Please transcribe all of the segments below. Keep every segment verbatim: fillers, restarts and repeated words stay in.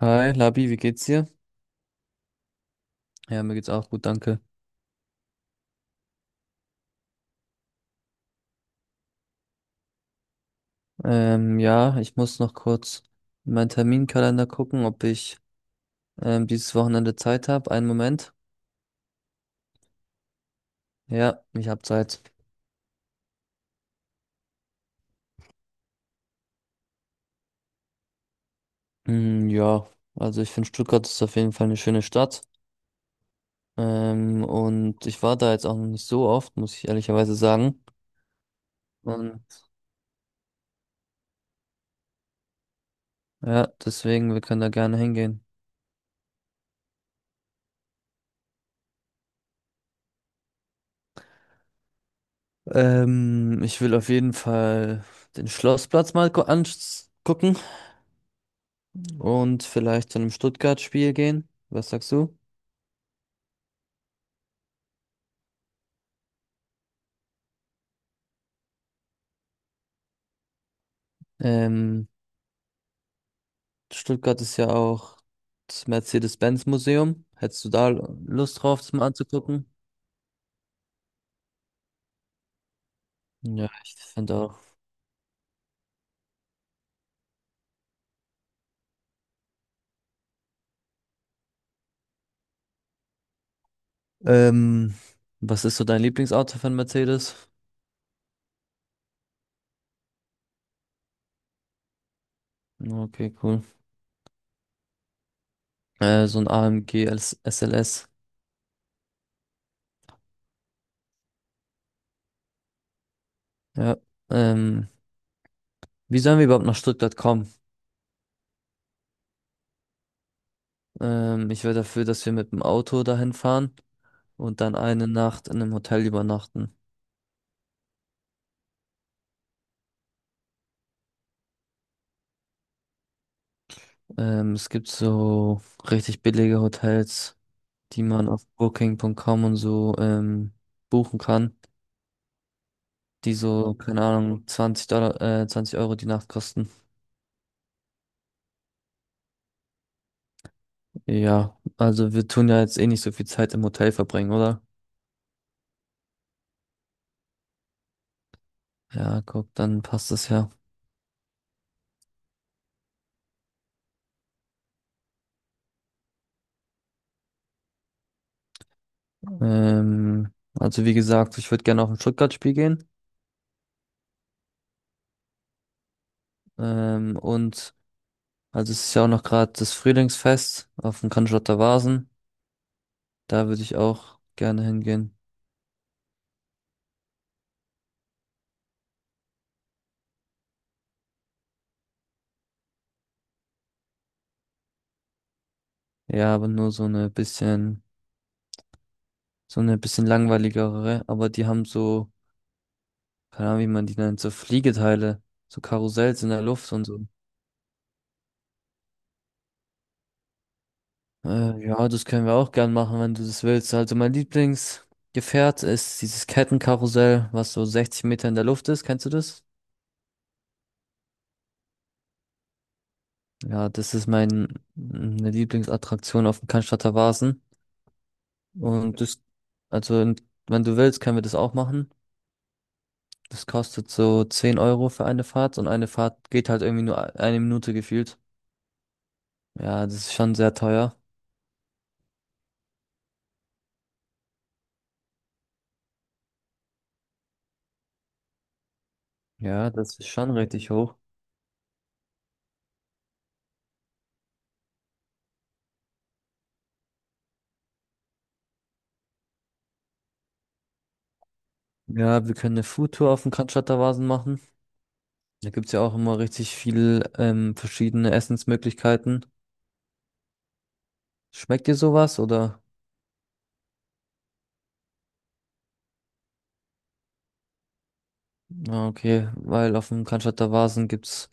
Hi, Labi, wie geht's dir? Ja, mir geht's auch gut, danke. Ähm, ja, ich muss noch kurz in meinen Terminkalender gucken, ob ich ähm, dieses Wochenende Zeit habe. Einen Moment. Ja, ich habe Zeit. Hm, ja, also ich finde, Stuttgart ist auf jeden Fall eine schöne Stadt. Ähm, und ich war da jetzt auch noch nicht so oft, muss ich ehrlicherweise sagen. Und ja, deswegen, wir können da gerne hingehen. Ähm, ich will auf jeden Fall den Schlossplatz mal angucken und vielleicht zu einem Stuttgart-Spiel gehen. Was sagst du? Ähm, Stuttgart ist ja auch das Mercedes-Benz-Museum. Hättest du da Lust drauf, das mal anzugucken? Ja, ich finde auch. Ähm, was ist so dein Lieblingsauto von Mercedes? Okay, cool. Äh, so ein A M G als S L S. Ja. Ähm, wie sollen wir überhaupt nach Stuttgart kommen? Ähm, ich wäre dafür, dass wir mit dem Auto dahin fahren und dann eine Nacht in einem Hotel übernachten. Ähm, es gibt so richtig billige Hotels, die man auf booking dot com und so ähm, buchen kann, die so, keine Ahnung, zwanzig Dollar, äh, zwanzig Euro die Nacht kosten. Ja, also wir tun ja jetzt eh nicht so viel Zeit im Hotel verbringen, oder? Ja, guck, dann passt das ja. Ähm, also wie gesagt, ich würde gerne auf ein Stuttgart-Spiel gehen. Ähm, und also es ist ja auch noch gerade das Frühlingsfest auf dem Cannstatter Vasen. Da würde ich auch gerne hingehen. Ja, aber nur so eine bisschen. So eine bisschen langweiligere, aber die haben so, keine Ahnung, wie man die nennt, so Fliegeteile, so Karussells in der Luft und so. Äh, ja, das können wir auch gern machen, wenn du das willst. Also mein Lieblingsgefährt ist dieses Kettenkarussell, was so sechzig Meter in der Luft ist. Kennst du das? Ja, das ist mein, meine Lieblingsattraktion auf dem Cannstatter Wasen. Und das, also in- wenn du willst, können wir das auch machen. Das kostet so zehn Euro für eine Fahrt und eine Fahrt geht halt irgendwie nur e-, eine Minute gefühlt. Ja, das ist schon sehr teuer. Ja, das ist schon richtig hoch. Ja, wir können eine Foodtour auf dem Cannstatter-Wasen machen. Da gibt's ja auch immer richtig viel ähm, verschiedene Essensmöglichkeiten. Schmeckt dir sowas oder? Ah, okay, weil auf dem Cannstatter-Wasen gibt's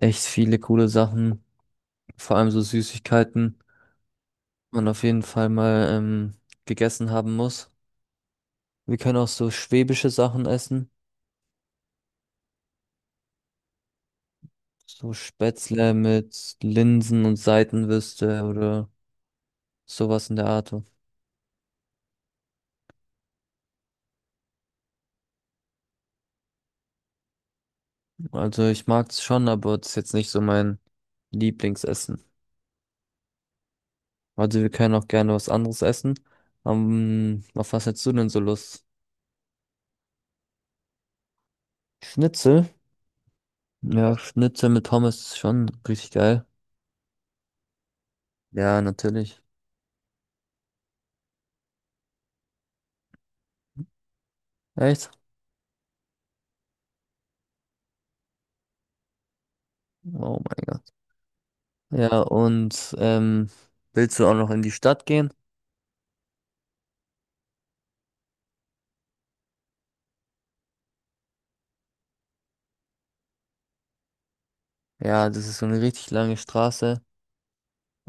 echt viele coole Sachen, vor allem so Süßigkeiten, die man auf jeden Fall mal ähm, gegessen haben muss. Wir können auch so schwäbische Sachen essen, so Spätzle mit Linsen und Seitenwürste oder sowas in der Art. Also ich mag es schon, aber es ist jetzt nicht so mein Lieblingsessen. Also wir können auch gerne was anderes essen. Ähm, auf was hättest du denn so Lust? Schnitzel? Ja, Schnitzel mit Pommes ist schon richtig geil. Ja, natürlich. Echt? Oh mein Gott. Ja, und ähm, Willst du auch noch in die Stadt gehen? Ja, das ist so eine richtig lange Straße.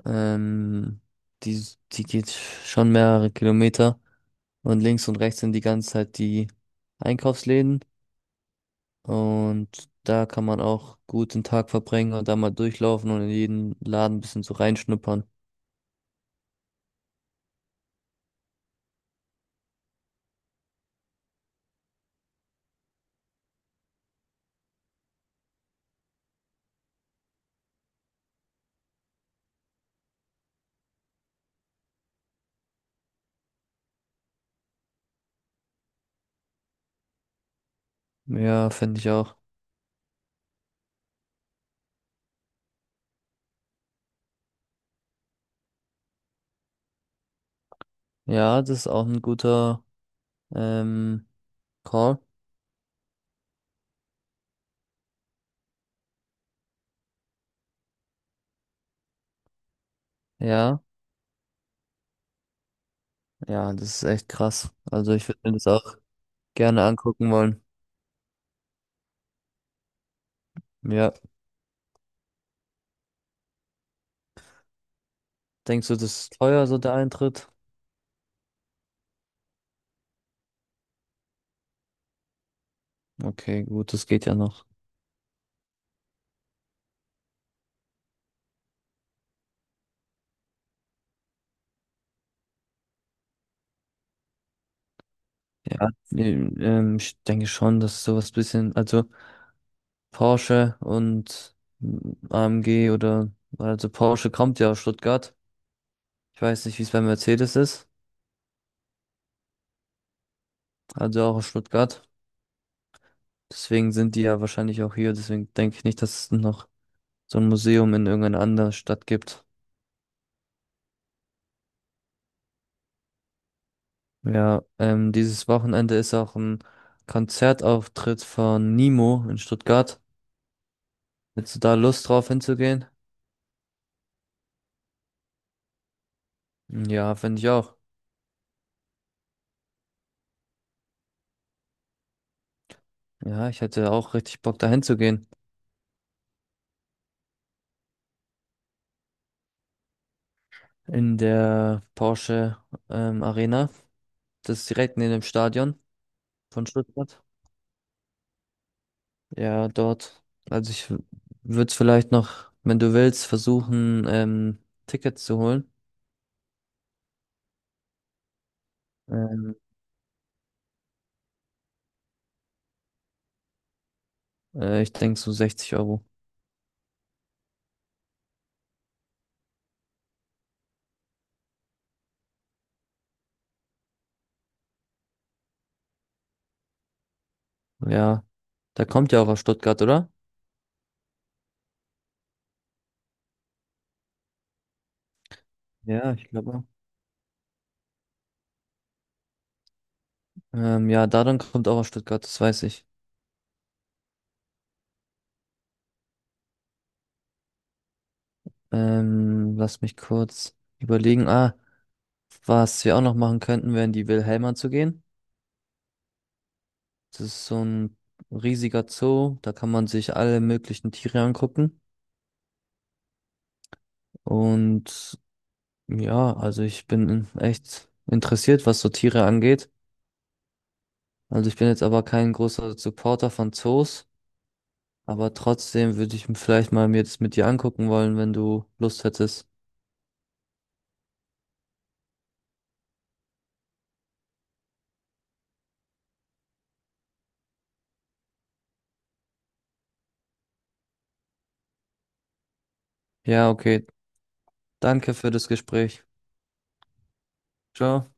Ähm, die, Die geht schon mehrere Kilometer. Und links und rechts sind die ganze Zeit die Einkaufsläden. Und da kann man auch gut den Tag verbringen und da mal durchlaufen und in jeden Laden ein bisschen so reinschnuppern. Ja, finde ich auch. Ja, das ist auch ein guter ähm, Call. Ja, ja, das ist echt krass. Also ich würde mir das auch gerne angucken wollen. Ja. Denkst du, das ist teuer, so der Eintritt? Okay, gut, das geht ja noch. Ja, ähm, ähm, ich denke schon, dass sowas bisschen, also Porsche und mm, A M G oder, also Porsche kommt ja aus Stuttgart. Ich weiß nicht, wie es bei Mercedes ist, also auch aus Stuttgart. Deswegen sind die ja wahrscheinlich auch hier. Deswegen denke ich nicht, dass es noch so ein Museum in irgendeiner anderen Stadt gibt. Ja, ähm, dieses Wochenende ist auch ein Konzertauftritt von Nemo in Stuttgart. Hättest du da Lust drauf hinzugehen? Ja, finde ich auch. Ja, ich hätte auch richtig Bock da hinzugehen. In der Porsche ähm, Arena. Das ist direkt neben dem Stadion von Stuttgart. Ja, dort. Also ich würde es vielleicht noch, wenn du willst, versuchen, ähm, Tickets zu holen. Ähm, äh, ich denke so sechzig Euro. Ja. Da kommt ja auch aus Stuttgart, oder? Ja, ich glaube auch. Ähm, ja, Dadan kommt auch aus Stuttgart, das weiß ich. Ähm, lass mich kurz überlegen. Ah, was wir auch noch machen könnten, wären die Wilhelma zu gehen. Das ist so ein riesiger Zoo, da kann man sich alle möglichen Tiere angucken. Und ja, also ich bin echt interessiert, was so Tiere angeht. Also ich bin jetzt aber kein großer Supporter von Zoos, aber trotzdem würde ich vielleicht mal mir das mit dir angucken wollen, wenn du Lust hättest. Ja, okay. Danke für das Gespräch. Ciao.